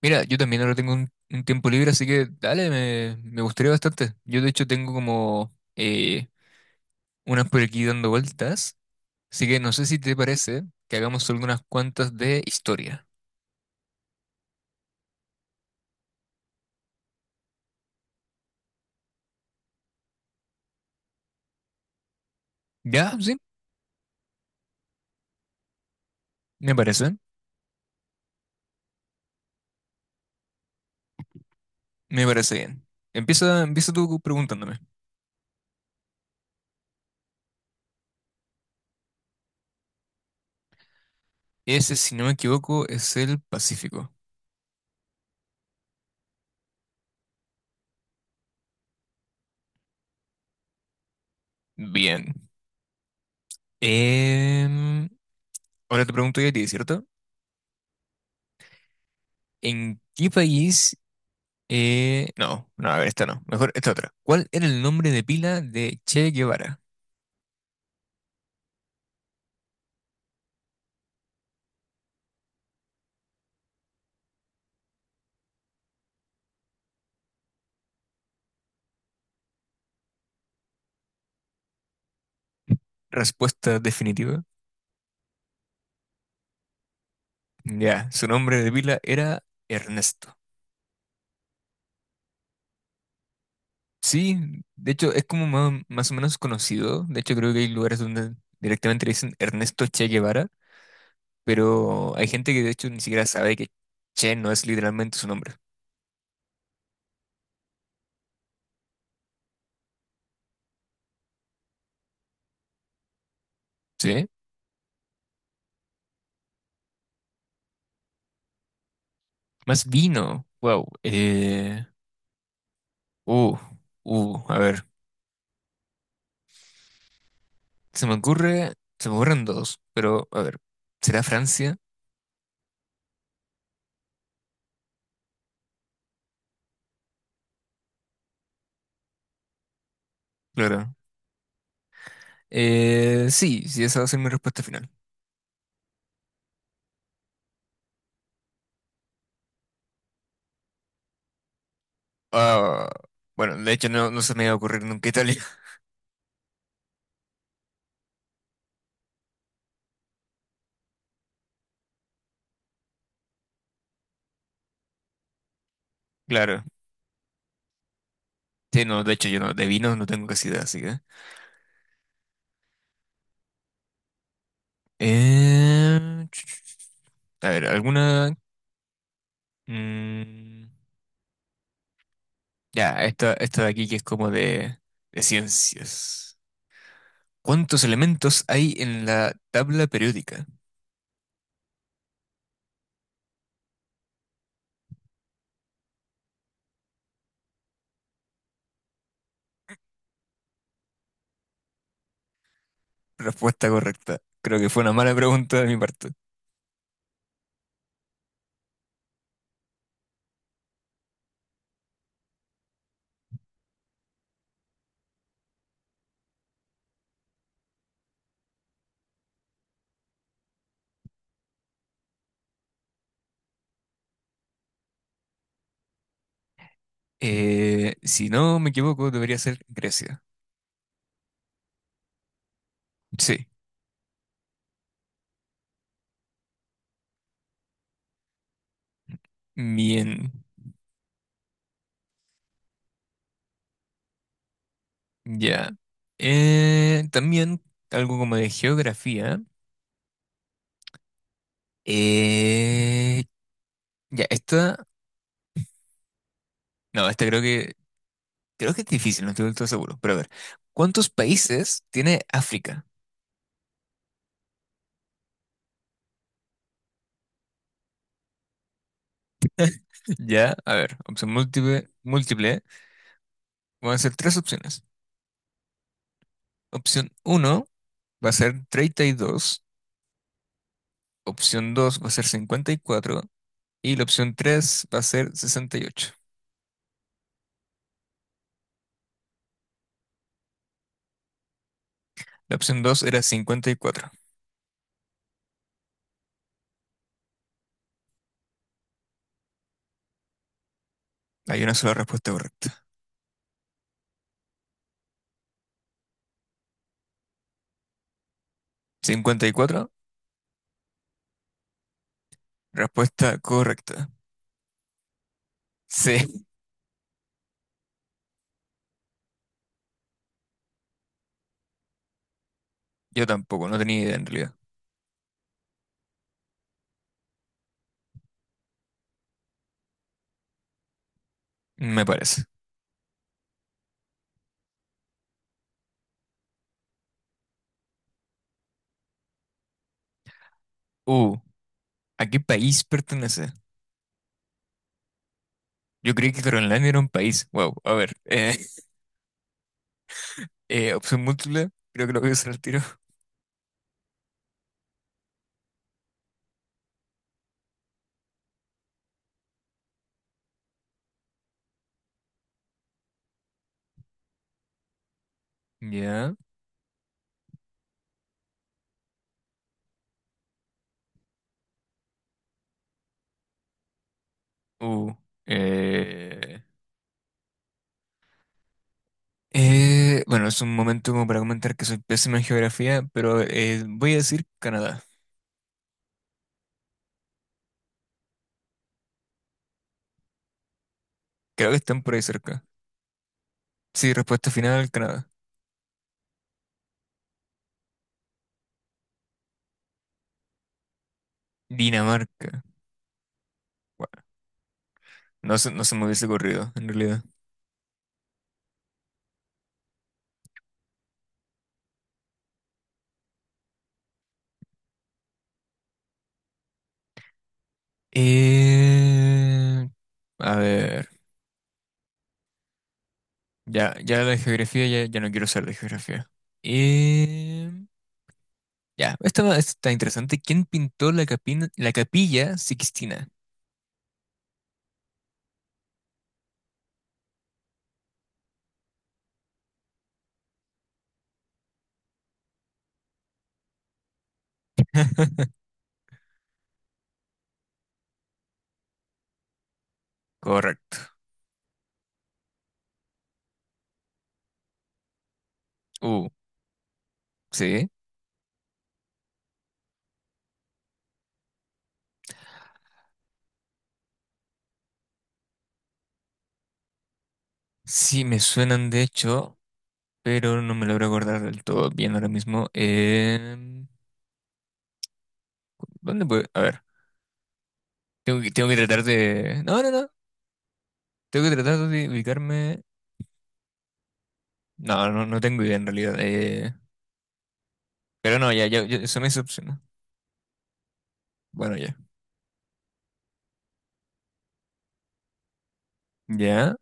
Mira, yo también ahora tengo un tiempo libre, así que dale, me gustaría bastante. Yo de hecho tengo como unas por aquí dando vueltas, así que no sé si te parece que hagamos algunas cuantas de historia. ¿Ya? ¿Sí? Me parece, me parece bien. Empieza tú preguntándome. Ese, si no me equivoco, es el Pacífico. Bien. Em, Ahora te pregunto yo a ti, ¿cierto? ¿En qué país No, no, a ver, esta no. Mejor esta otra. ¿Cuál era el nombre de pila de Che Guevara? Respuesta definitiva. Ya, su nombre de pila era Ernesto. Sí, de hecho es como más o menos conocido. De hecho creo que hay lugares donde directamente le dicen Ernesto Che Guevara, pero hay gente que de hecho ni siquiera sabe que Che no es literalmente su nombre. ¿Sí? Más vino. Wow. Uh, a ver. Se me ocurre, se me ocurren dos, pero a ver. ¿Será Francia? Claro. Sí, esa va a ser mi respuesta final. Ah, bueno, de hecho no, no se me iba a ocurrir nunca Italia. Claro. Sí, no, de hecho yo no, de vinos no tengo casi idea, así que. Eh, a ver, alguna. mm, ya, esta de aquí que es como de ciencias. ¿Cuántos elementos hay en la tabla periódica? Respuesta correcta. Creo que fue una mala pregunta de mi parte. Si no me equivoco, debería ser Grecia. Sí. Bien, ya. También algo como de geografía. Eh, ya, esta, no, esta creo que es difícil, no estoy del todo seguro, pero a ver, ¿cuántos países tiene África? Ya, a ver, opción múltiple, van a ser tres opciones. Opción uno va a ser 32, opción 2 va a ser 54 y la opción 3 va a ser 68. La opción 2 era 54. Hay una sola respuesta correcta. 54 respuesta correcta. Sí, yo tampoco, no tenía idea en realidad. Me parece. Uh, ¿A qué país pertenece? Yo creí que Groenlandia era un país. Wow, a ver. Opción múltiple, creo que lo voy a usar al tiro. Ya. Uh, eh, bueno, es un momento como para comentar que soy pésimo en geografía, pero voy a decir Canadá. Creo que están por ahí cerca. Sí, respuesta final, Canadá. Dinamarca. Guau, no se me hubiese ocurrido, en realidad. Eh, a ver, ya la de geografía, ya no quiero ser de geografía. Eh, ya, esta está interesante. ¿Quién pintó la la capilla Sixtina? Correcto. Uh, sí. Sí, me suenan de hecho, pero no me logro acordar del todo bien ahora mismo. Em, ¿dónde puedo? A ver, tengo que tratar de... No, no, no. Tengo que tratar de ubicarme... No, no, no tengo idea en realidad. Pero no, ya, eso me decepcionó. Bueno, ya. Ya.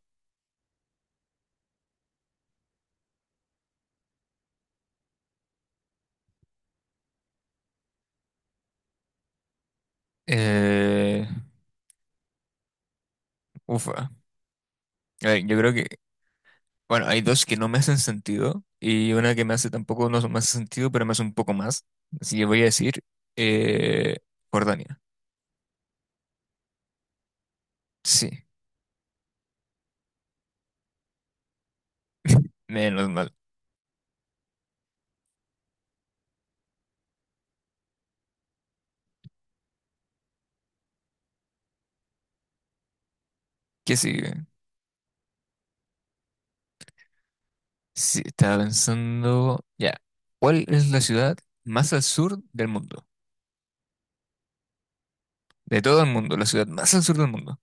Eh, ufa. A ver, yo creo que, bueno, hay dos que no me hacen sentido y una que me hace tampoco, no me hace sentido, pero me hace un poco más. Así que voy a decir eh, Jordania. Sí, menos mal. ¿Qué sigue? Sí, estaba pensando, ya. ¿Cuál es la ciudad más al sur del mundo? De todo el mundo, la ciudad más al sur del mundo.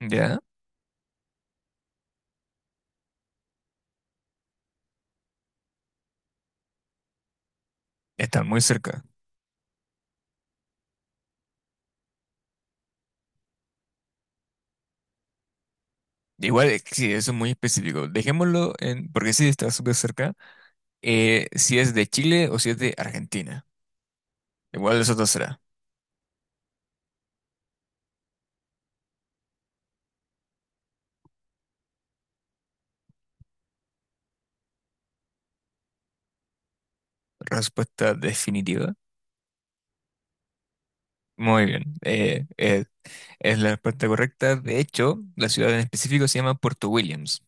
Ya, están muy cerca. Igual, sí, eso es muy específico. Dejémoslo en, porque sí, está súper cerca. Si es de Chile o si es de Argentina. Igual eso no será. Respuesta definitiva. Muy bien. Es la respuesta correcta. De hecho, la ciudad en específico se llama Puerto Williams.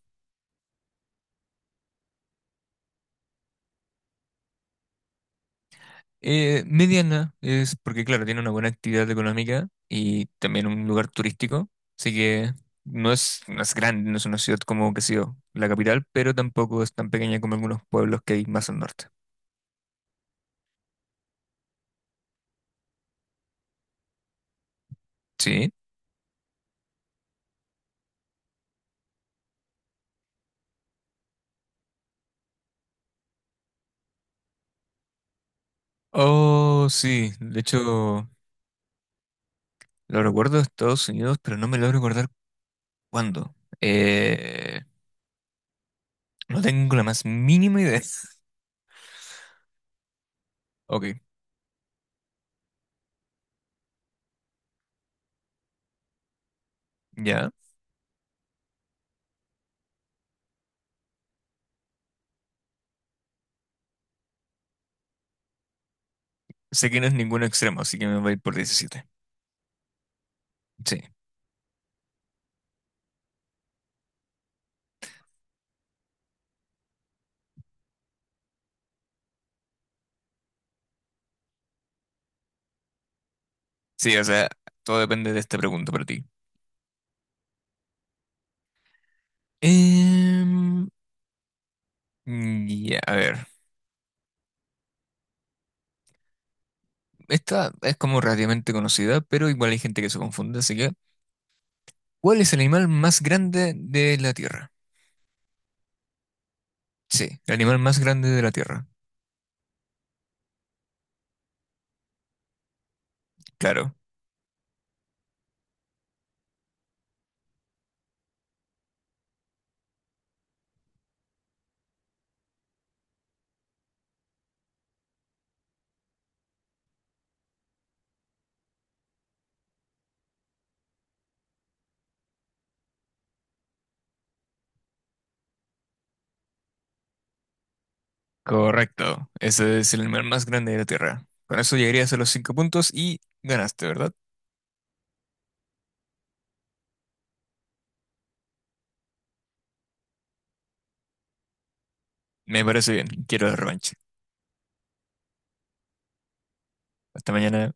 Mediana es porque, claro, tiene una buena actividad económica y también un lugar turístico. Así que no es grande, no es una ciudad como, qué sé yo, la capital, pero tampoco es tan pequeña como algunos pueblos que hay más al norte. Sí. Oh, sí. De hecho. Lo recuerdo de Estados Unidos, pero no me logro recordar cuándo. Eh, no tengo la más mínima idea. Ok, ya. Sé que no es ningún extremo, así que me voy a ir por 17. Sí. Sí, o sea, todo depende de esta pregunta para ti. Em, ya, a ver. Esta es como relativamente conocida, pero igual hay gente que se confunde, así que... ¿Cuál es el animal más grande de la Tierra? Sí, el animal más grande de la Tierra. Claro, correcto, ese es el animal más grande de la Tierra. Con eso llegarías a los cinco puntos y ganaste, ¿verdad? Me parece bien, quiero la revancha. Hasta mañana.